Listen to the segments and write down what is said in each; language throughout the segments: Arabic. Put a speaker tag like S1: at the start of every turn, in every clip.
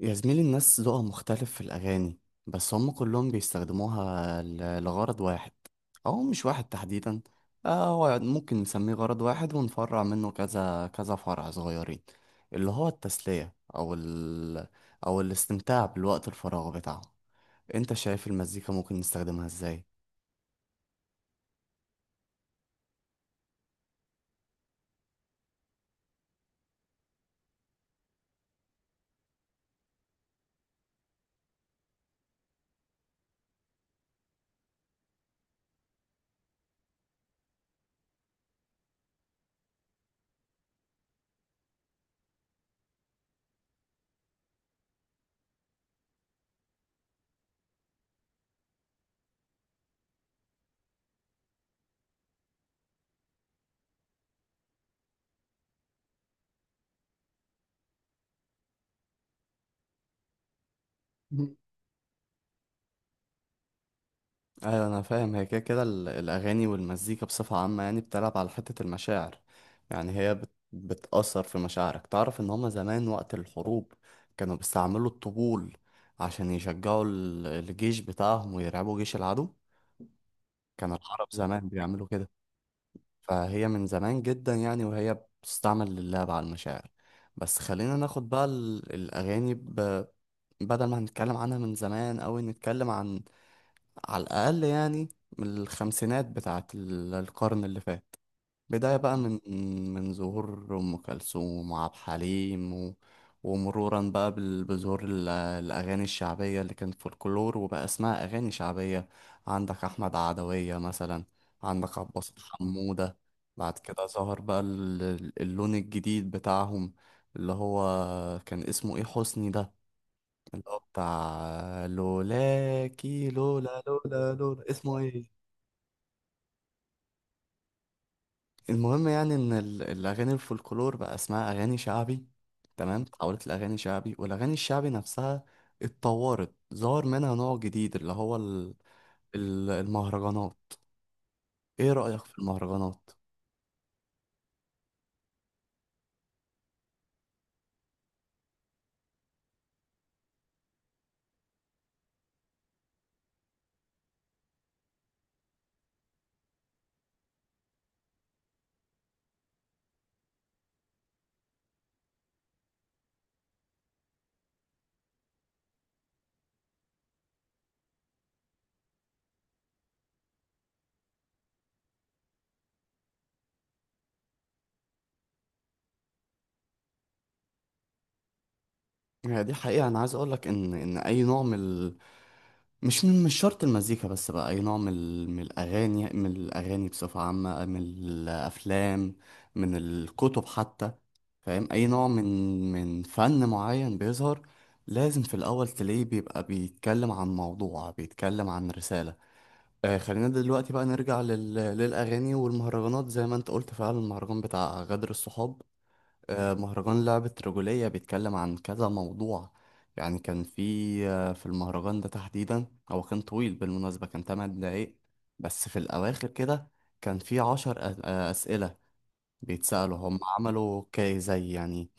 S1: يا زميلي، الناس ذوقها مختلف في الأغاني. بس هم كلهم بيستخدموها لغرض واحد، أو مش واحد تحديدا. هو ممكن نسميه غرض واحد ونفرع منه كذا كذا فرع صغيرين، اللي هو التسلية أو الاستمتاع بالوقت الفراغ بتاعه. أنت شايف المزيكا ممكن نستخدمها إزاي؟ ايوه، انا فاهم. هي كده كده الاغاني والمزيكا بصفه عامه يعني بتلعب على حته المشاعر. يعني هي بتاثر في مشاعرك. تعرف ان هما زمان وقت الحروب كانوا بيستعملوا الطبول عشان يشجعوا الجيش بتاعهم ويرعبوا جيش العدو. كان العرب زمان بيعملوا كده. فهي من زمان جدا يعني، وهي بتستعمل للعب على المشاعر. بس خلينا ناخد بقى الاغاني بدل ما هنتكلم عنها من زمان أوي، نتكلم عن على الأقل يعني من الخمسينات بتاعة القرن اللي فات. بداية بقى من ظهور أم كلثوم وعبد الحليم ومرورا بقى بظهور الأغاني الشعبية اللي كانت فولكلور وبقى اسمها أغاني شعبية. عندك أحمد عدوية مثلا، عندك عباس حمودة. بعد كده ظهر بقى اللون الجديد بتاعهم، اللي هو كان اسمه إيه، حسني ده، اللي هو بتاع لولاكي لولا لولا لولا، اسمه ايه. المهم يعني ان الاغاني الفولكلور بقى اسمها اغاني شعبي، تمام، اتحولت لاغاني شعبي. والاغاني الشعبي نفسها اتطورت، ظهر منها نوع جديد اللي هو المهرجانات. ايه رأيك في المهرجانات؟ يعني دي حقيقة، انا عايز اقولك ان اي نوع من، مش من، مش شرط المزيكا بس بقى، أي نوع من من الأغاني، بصفة عامة، من الأفلام، من الكتب حتى. فاهم، أي نوع من فن معين بيظهر لازم في الأول تلاقيه بيبقى بيتكلم عن موضوع، بيتكلم عن رسالة. خلينا دلوقتي بقى نرجع للأغاني والمهرجانات. زي ما أنت قلت فعلا، المهرجان بتاع غدر الصحاب، مهرجان لعبة رجولية بيتكلم عن كذا موضوع. يعني كان في في المهرجان ده تحديدا، هو كان طويل بالمناسبة، كان تمن دقايق. بس في الأواخر كده كان في عشر أسئلة بيتسألوا، هم عملوا كي زي يعني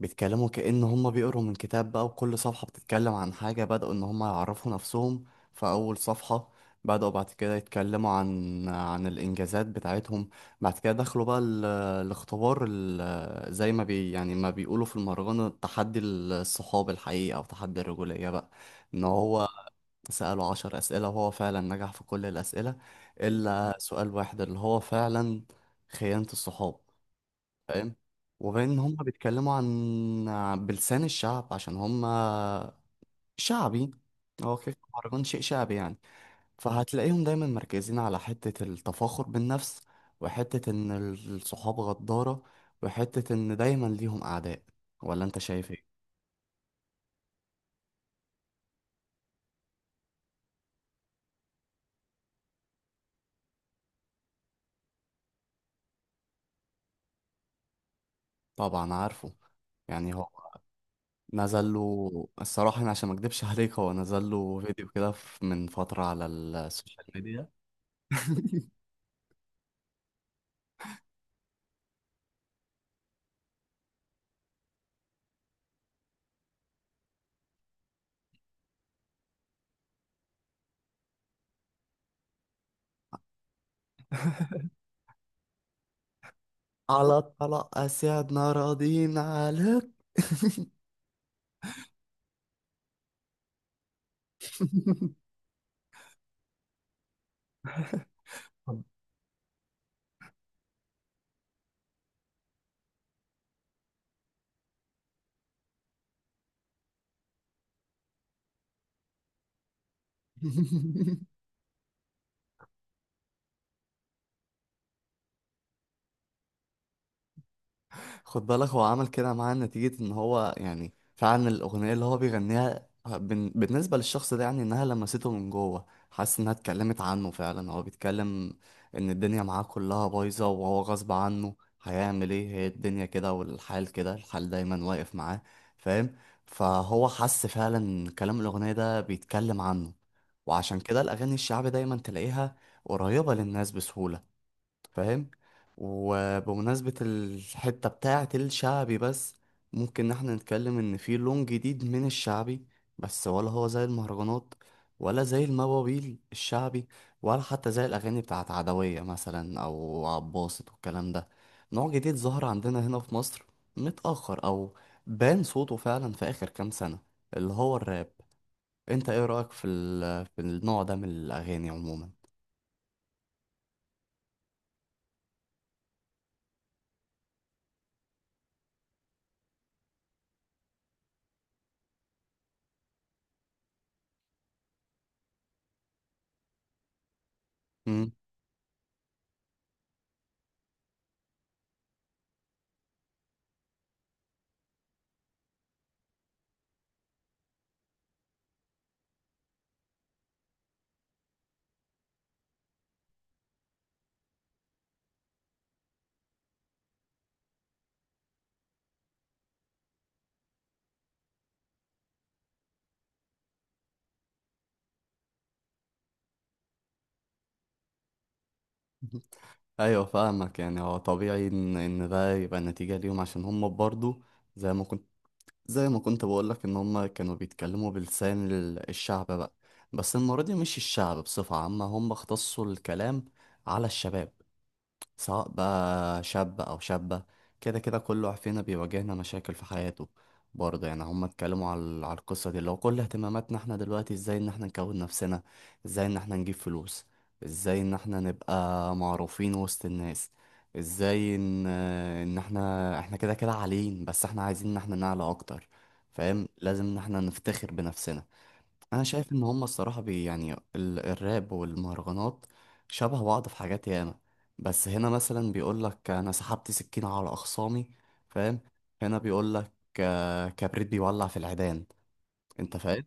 S1: بيتكلموا كأن هم بيقروا من كتاب بقى، وكل صفحة بتتكلم عن حاجة. بدأوا إن هم يعرفوا نفسهم في أول صفحة، بدأوا بعد كده يتكلموا عن الإنجازات بتاعتهم، بعد كده دخلوا بقى الاختبار، زي ما يعني ما بيقولوا في المهرجان تحدي الصحاب الحقيقي أو تحدي الرجولية بقى. إن هو سأله عشر أسئلة، وهو فعلا نجح في كل الأسئلة إلا سؤال واحد اللي هو فعلا خيانة الصحاب. فاهم؟ وغير ان هم بيتكلموا عن بلسان الشعب عشان هم شعبي. هو كده كده مهرجان شيء شعبي يعني. فهتلاقيهم دايما مركزين على حتة التفاخر بالنفس، وحتة ان الصحاب غدارة، وحتة ان دايما ليهم اعداء. ولا انت شايف ايه؟ طبعا عارفه. يعني هو نزل له، الصراحة أنا عشان ما أكدبش عليك، هو نزل له فيديو كده من فترة على السوشيال ميديا. على الطلاق أسعدنا راضين عليك. خد بالك، هو عمل كده معاه نتيجة ان هو يعني فعلا الأغنية اللي هو بيغنيها بالنسبة للشخص ده يعني انها لمسته من جوه، حاسس انها اتكلمت عنه فعلا. هو بيتكلم ان الدنيا معاه كلها بايظة وهو غصب عنه هيعمل ايه، هي الدنيا كده والحال كده، الحال دايما واقف معاه. فاهم؟ فهو حس فعلا إن كلام الأغنية ده بيتكلم عنه. وعشان كده الأغاني الشعبي دايما تلاقيها قريبة للناس بسهولة. فاهم؟ وبمناسبة الحتة بتاعة الشعبي بس، ممكن إن احنا نتكلم ان في لون جديد من الشعبي، بس ولا هو زي المهرجانات، ولا زي المواويل الشعبي، ولا حتى زي الاغاني بتاعة عدوية مثلا او عباسط والكلام ده. نوع جديد ظهر عندنا هنا في مصر متأخر، او بان صوته فعلا في اخر كام سنة، اللي هو الراب. انت ايه رأيك في في النوع ده من الاغاني عموما؟ مم. ايوه، فاهمك. يعني هو طبيعي ان ده يبقى نتيجة ليهم عشان هم برضو، زي ما كنت زي ما كنت بقولك ان هم كانوا بيتكلموا بلسان الشعب بقى. بس المرة دي مش الشعب بصفة عامة، هم اختصوا الكلام على الشباب، سواء بقى شاب أو شابة. كده كده كل واحد فينا بيواجهنا مشاكل في حياته. برضه يعني هما اتكلموا على القصة دي اللي هو كل اهتماماتنا احنا دلوقتي، ازاي ان احنا نكون نفسنا، ازاي ان احنا نجيب فلوس، ازاي ان احنا نبقى معروفين وسط الناس، ازاي ان احنا كده كده عاليين، بس احنا عايزين ان احنا نعلى اكتر. فاهم؟ لازم ان احنا نفتخر بنفسنا. انا شايف ان هما الصراحه يعني الراب والمهرجانات شبه بعض في حاجات ياما. بس هنا مثلا بيقولك انا سحبت سكينه على اخصامي. فاهم؟ هنا بيقولك كبريت بيولع في العيدان. انت فاهم؟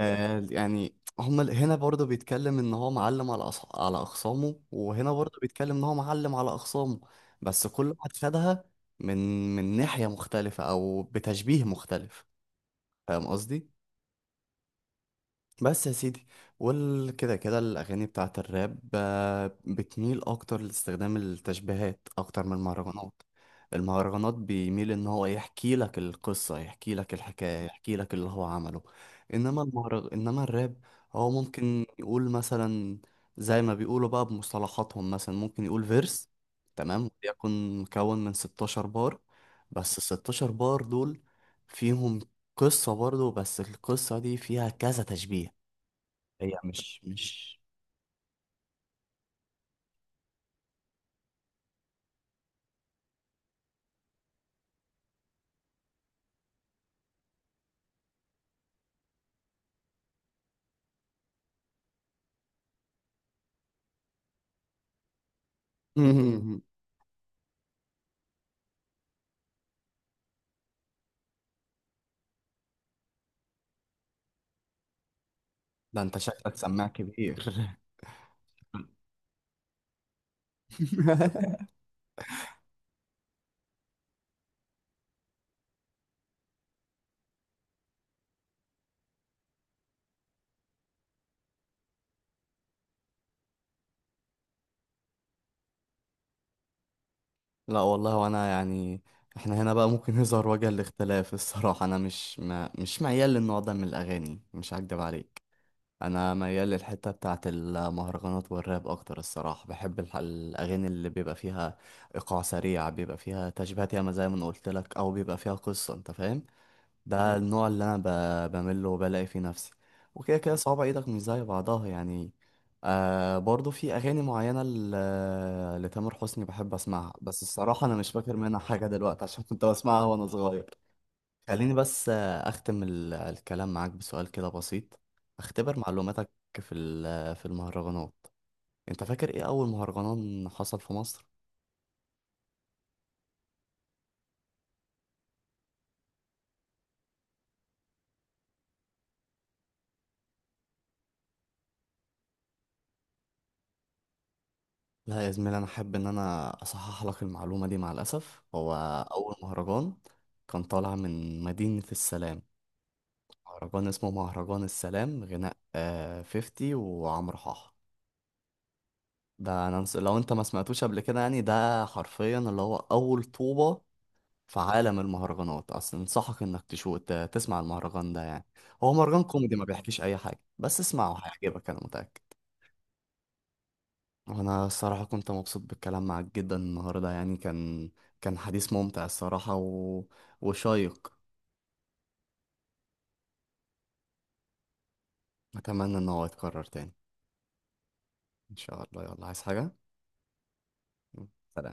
S1: يعني هما هنا برضه بيتكلم ان هو معلم على اخصامه، وهنا برضه بيتكلم ان هو معلم على اخصامه. بس كل واحد خدها من من ناحيه مختلفه او بتشبيه مختلف. فاهم قصدي؟ بس يا سيدي، كده كده الأغاني بتاعة الراب بتميل أكتر لاستخدام التشبيهات أكتر من المهرجانات. المهرجانات بيميل إن هو يحكي لك القصة، يحكي لك الحكاية، يحكي لك اللي هو عمله. إنما الراب هو ممكن يقول مثلا زي ما بيقولوا بقى بمصطلحاتهم، مثلا ممكن يقول فيرس، تمام، يكون مكون من 16 بار، بس ال 16 بار دول فيهم قصة برضو، بس القصة دي فيها كذا تشبيه. هي مش مش ده انت شكلك سماع كبير. لا والله، وانا يعني احنا هنا بقى ممكن يظهر وجه الاختلاف الصراحة. انا مش ما مش ميال للنوع ده من الاغاني، مش هكدب عليك. انا ميال للحتة بتاعة المهرجانات والراب اكتر الصراحة. بحب الاغاني اللي بيبقى فيها ايقاع سريع، بيبقى فيها تشبيهات ياما زي ما انا قلت لك، او بيبقى فيها قصة. انت فاهم؟ ده النوع اللي انا بمل وبلاقي فيه نفسي. وكده كده صوابع ايدك مش زي بعضها يعني. برضو في اغاني معينه لتامر حسني بحب اسمعها، بس الصراحه انا مش فاكر منها حاجه دلوقتي عشان كنت بسمعها وانا صغير. خليني بس اختم الكلام معاك بسؤال كده بسيط، اختبر معلوماتك في في المهرجانات. انت فاكر ايه اول مهرجان حصل في مصر؟ لا يا زميلي، انا حابب ان انا اصحح لك المعلومه دي مع الاسف. هو اول مهرجان كان طالع من مدينه السلام، مهرجان اسمه مهرجان السلام غناء 50 وعمرو حاح. لو انت ما سمعتوش قبل كده يعني، ده حرفيا اللي هو اول طوبه في عالم المهرجانات اصلا. انصحك انك تشوف تسمع المهرجان ده يعني. هو مهرجان كوميدي ما بيحكيش اي حاجه، بس اسمعه هيعجبك انا متاكد. وانا الصراحة كنت مبسوط بالكلام معاك جدا النهاردة يعني، كان حديث ممتع الصراحة وشيق. اتمنى ان هو يتكرر تاني. ان شاء الله، يلا عايز حاجة؟ سلام.